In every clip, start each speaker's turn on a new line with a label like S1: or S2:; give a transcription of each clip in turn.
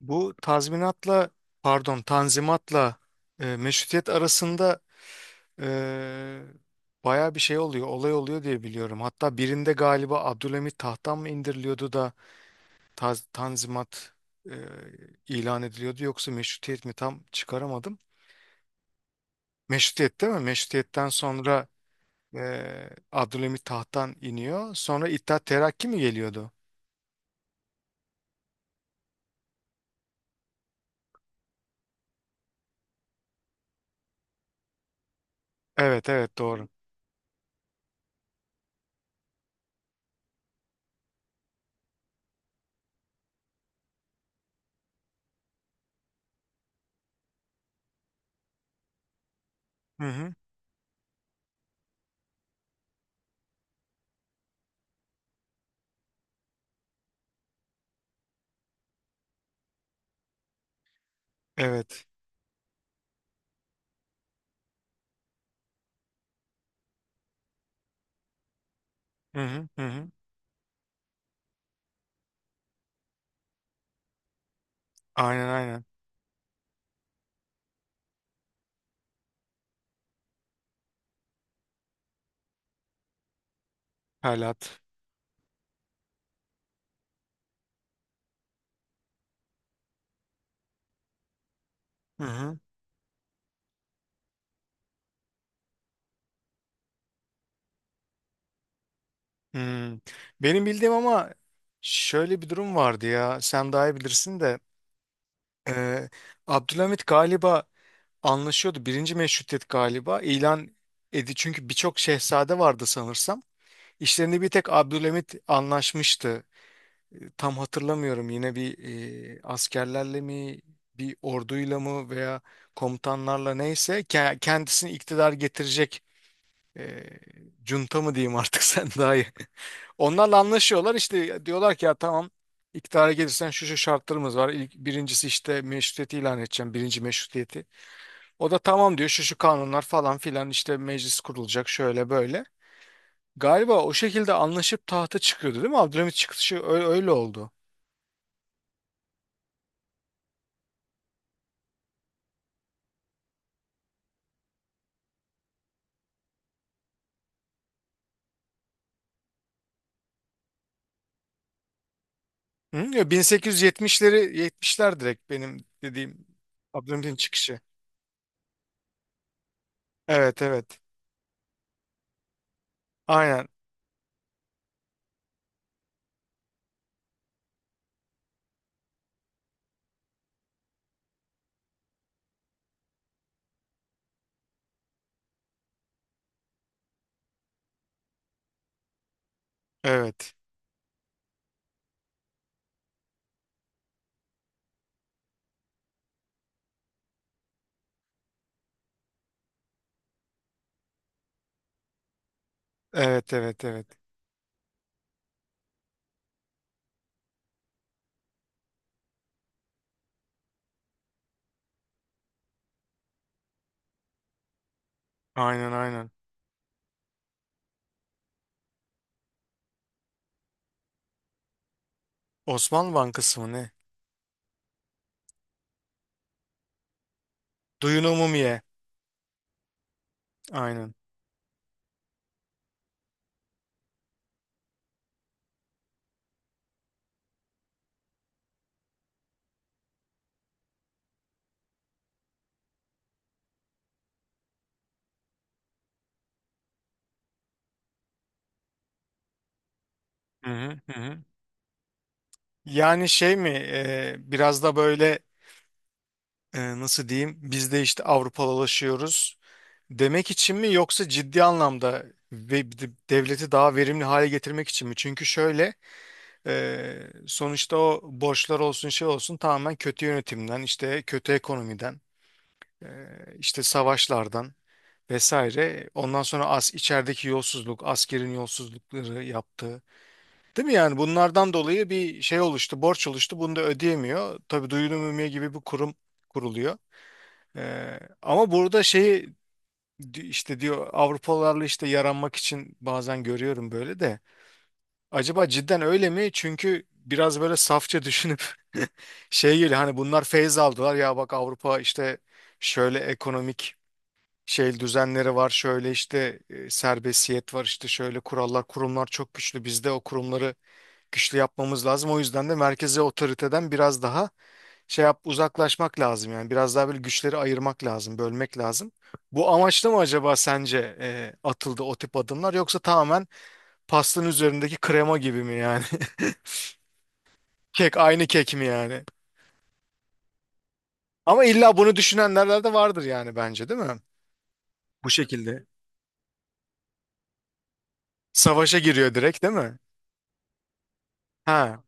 S1: Bu tazminatla, pardon, tanzimatla meşrutiyet arasında e, baya bir şey oluyor, olay oluyor diye biliyorum. Hatta birinde galiba Abdülhamit tahttan mı indiriliyordu da tanzimat e, ilan ediliyordu yoksa meşrutiyet mi tam çıkaramadım. Meşrutiyet değil mi? Meşrutiyetten sonra Abdülhamit tahttan iniyor. Sonra İttihat Terakki mi geliyordu? Evet, evet, doğru. Hı hı. Evet. Hı hı hı, hı. Aynen, aynen. Halat. Hı hı. Hmm. Benim bildiğim ama şöyle bir durum vardı ya. Sen daha iyi bilirsin de. e, Abdülhamit galiba anlaşıyordu. Birinci Meşrutiyet galiba ilan edi. Çünkü birçok şehzade vardı sanırsam. İşlerini bir tek Abdülhamit anlaşmıştı. E, Tam hatırlamıyorum, yine bir askerlerle mi bir orduyla mı veya komutanlarla, neyse kendisini iktidar getirecek e, junta mı diyeyim artık. Sen daha iyi. Onlarla anlaşıyorlar, işte diyorlar ki ya tamam, iktidara gelirsen şu şu şartlarımız var. İlk, birincisi, işte meşrutiyeti ilan edeceğim, birinci meşrutiyeti. O da tamam diyor, şu şu kanunlar falan filan, işte meclis kurulacak, şöyle böyle. Galiba o şekilde anlaşıp tahta çıkıyordu, değil mi? Abdülhamit çıkışı öyle, öyle oldu. Hı? Ya 1870'leri, 70'ler direkt benim dediğim Abdülhamit'in çıkışı. Evet, evet, aynen, evet. Evet, evet, evet. Aynen, aynen. Osmanlı Bankası mı ne? Duyun Umumiye. Aynen. Hı hı, hı hı. Yani şey mi, biraz da böyle, nasıl diyeyim, biz de işte Avrupalılaşıyoruz demek için mi, yoksa ciddi anlamda ve devleti daha verimli hale getirmek için mi? Çünkü şöyle, sonuçta o borçlar olsun, şey olsun, tamamen kötü yönetimden, işte kötü ekonomiden, e, işte savaşlardan vesaire. Ondan sonra as içerideki yolsuzluk, askerin yolsuzlukları yaptığı. Değil mi yani, bunlardan dolayı bir şey oluştu, borç oluştu. Bunu da ödeyemiyor. Tabii duyuru mümkün gibi bir kurum kuruluyor. Ama burada şeyi, işte diyor, Avrupalılarla işte yaranmak için, bazen görüyorum böyle de. Acaba cidden öyle mi? Çünkü biraz böyle safça düşünüp şey geliyor, hani bunlar feyz aldılar ya, bak Avrupa işte şöyle ekonomik şey düzenleri var, şöyle işte serbestiyet var, işte şöyle kurallar, kurumlar çok güçlü, bizde o kurumları güçlü yapmamız lazım, o yüzden de merkezi otoriteden biraz daha şey yap, uzaklaşmak lazım, yani biraz daha böyle güçleri ayırmak lazım, bölmek lazım. Bu amaçla mı acaba sence atıldı o tip adımlar, yoksa tamamen pastanın üzerindeki krema gibi mi yani? Kek, aynı kek mi yani? Ama illa bunu düşünenler de vardır yani, bence, değil mi? Bu şekilde savaşa giriyor direkt, değil mi? Ha,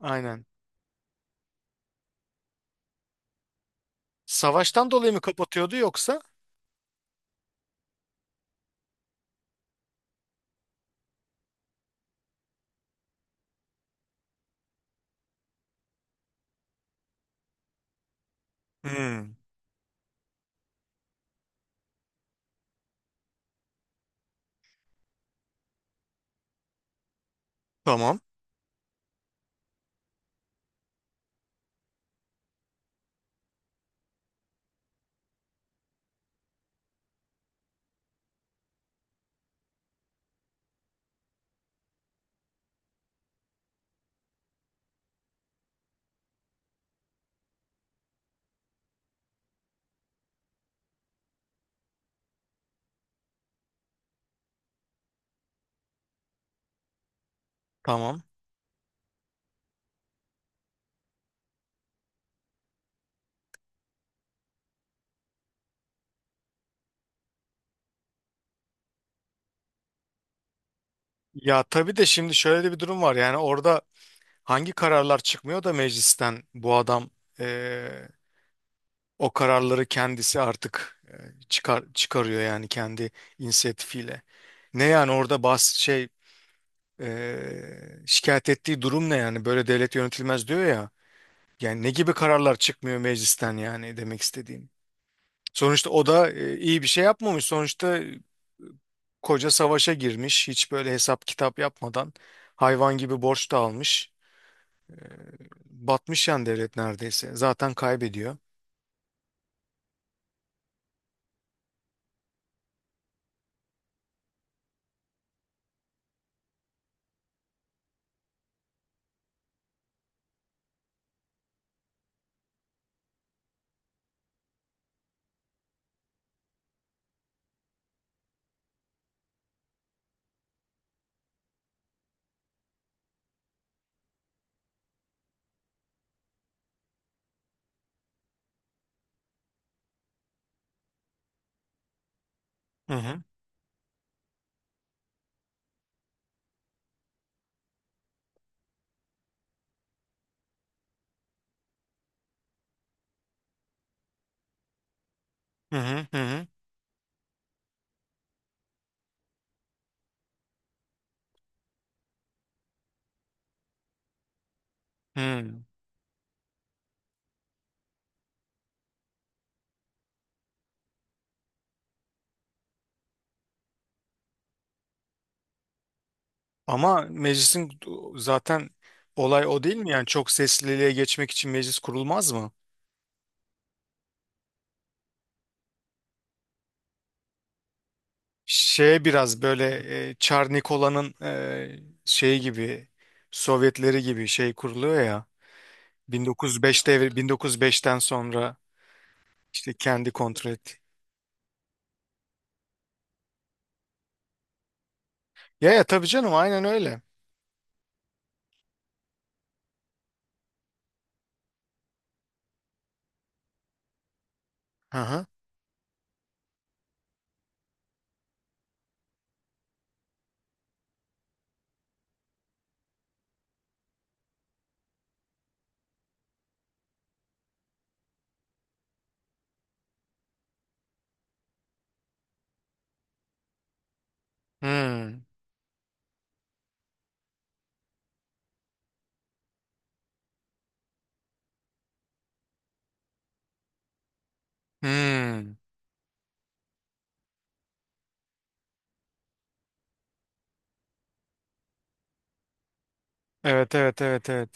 S1: aynen. Savaştan dolayı mı kapatıyordu yoksa? Hmm, tamam, tamam. Ya tabii de şimdi şöyle de bir durum var. Yani orada hangi kararlar çıkmıyor da meclisten bu adam eee, o kararları kendisi artık çıkar çıkarıyor, yani kendi inisiyatifiyle. Ne yani orada bas şey, şikayet ettiği durum ne yani, böyle devlet yönetilmez diyor ya. Yani ne gibi kararlar çıkmıyor meclisten, yani demek istediğim. Sonuçta o da iyi bir şey yapmamış. Sonuçta koca savaşa girmiş. Hiç böyle hesap kitap yapmadan hayvan gibi borç da almış. Batmış yani devlet neredeyse. Zaten kaybediyor. Hı hı. Hı hı. Hı hı, hı. Ama meclisin zaten olay o değil mi? Yani çok sesliliğe geçmek için meclis kurulmaz mı? Şeye biraz böyle Çar Nikola'nın şeyi gibi, Sovyetleri gibi şey kuruluyor ya. 1905 devri, 1905'ten sonra işte kendi kontrol etti. Ya ya, tabii canım, aynen öyle. Hı hı. Hmm. Hmm. Evet, evet, evet, evet.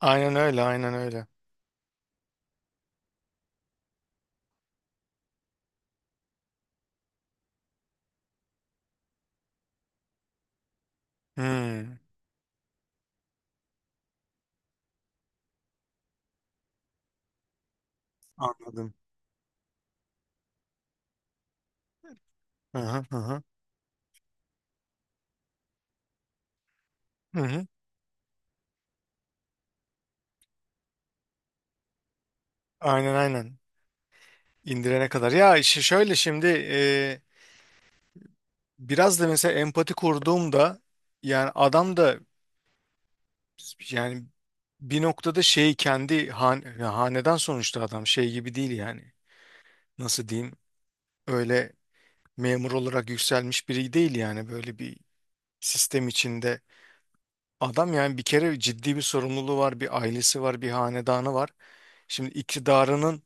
S1: Aynen öyle, aynen öyle. Hmm. Anladım. Hı hı hı hı. Hı hı. Aynen, aynen. İndirene kadar. Ya işi şöyle şimdi, biraz da mesela empati kurduğumda, yani adam da, yani bir noktada şeyi kendi han, ya hanedan, sonuçta adam şey gibi değil yani. Nasıl diyeyim? Öyle memur olarak yükselmiş biri değil yani, böyle bir sistem içinde. Adam yani bir kere ciddi bir sorumluluğu var, bir ailesi var, bir hanedanı var. Şimdi iktidarının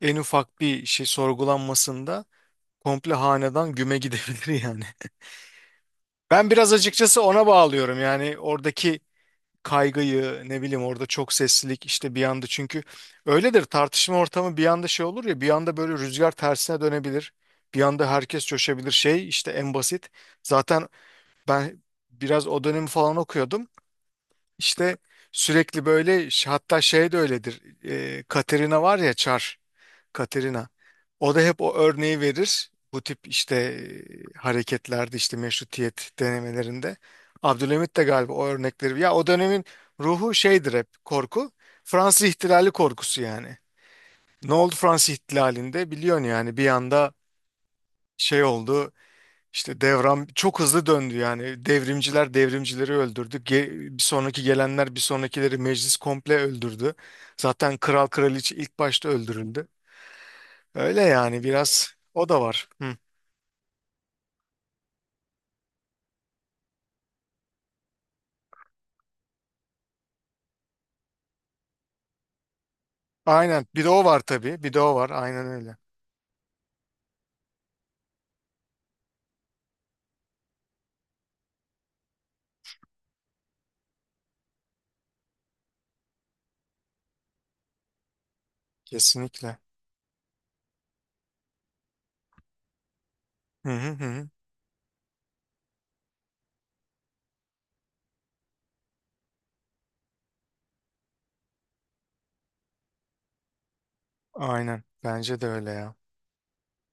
S1: en ufak bir şey sorgulanmasında komple hanedan güme gidebilir yani. Ben biraz açıkçası ona bağlıyorum, yani oradaki kaygıyı. Ne bileyim, orada çok seslilik işte bir anda, çünkü öyledir tartışma ortamı, bir anda şey olur ya, bir anda böyle rüzgar tersine dönebilir. Bir anda herkes coşabilir, şey işte, en basit. Zaten ben biraz o dönemi falan okuyordum. İşte sürekli böyle hatta şey de öyledir. Katerina var ya, Çar Katerina. O da hep o örneği verir. Bu tip işte hareketlerde, işte meşrutiyet denemelerinde. Abdülhamit de galiba o örnekleri. Ya o dönemin ruhu şeydir, hep korku. Fransız ihtilali korkusu yani. Ne oldu Fransız ihtilalinde biliyorsun yani, bir anda şey oldu. İşte devran çok hızlı döndü yani. Devrimciler devrimcileri öldürdü. Ge- bir sonraki gelenler bir sonrakileri, meclis komple öldürdü. Zaten kral kraliçe ilk başta öldürüldü. Öyle yani, biraz o da var. Hı. Aynen, bir de o var tabii. Bir de o var, aynen öyle. Kesinlikle. Hı hı hı, hı. Aynen, bence de öyle ya.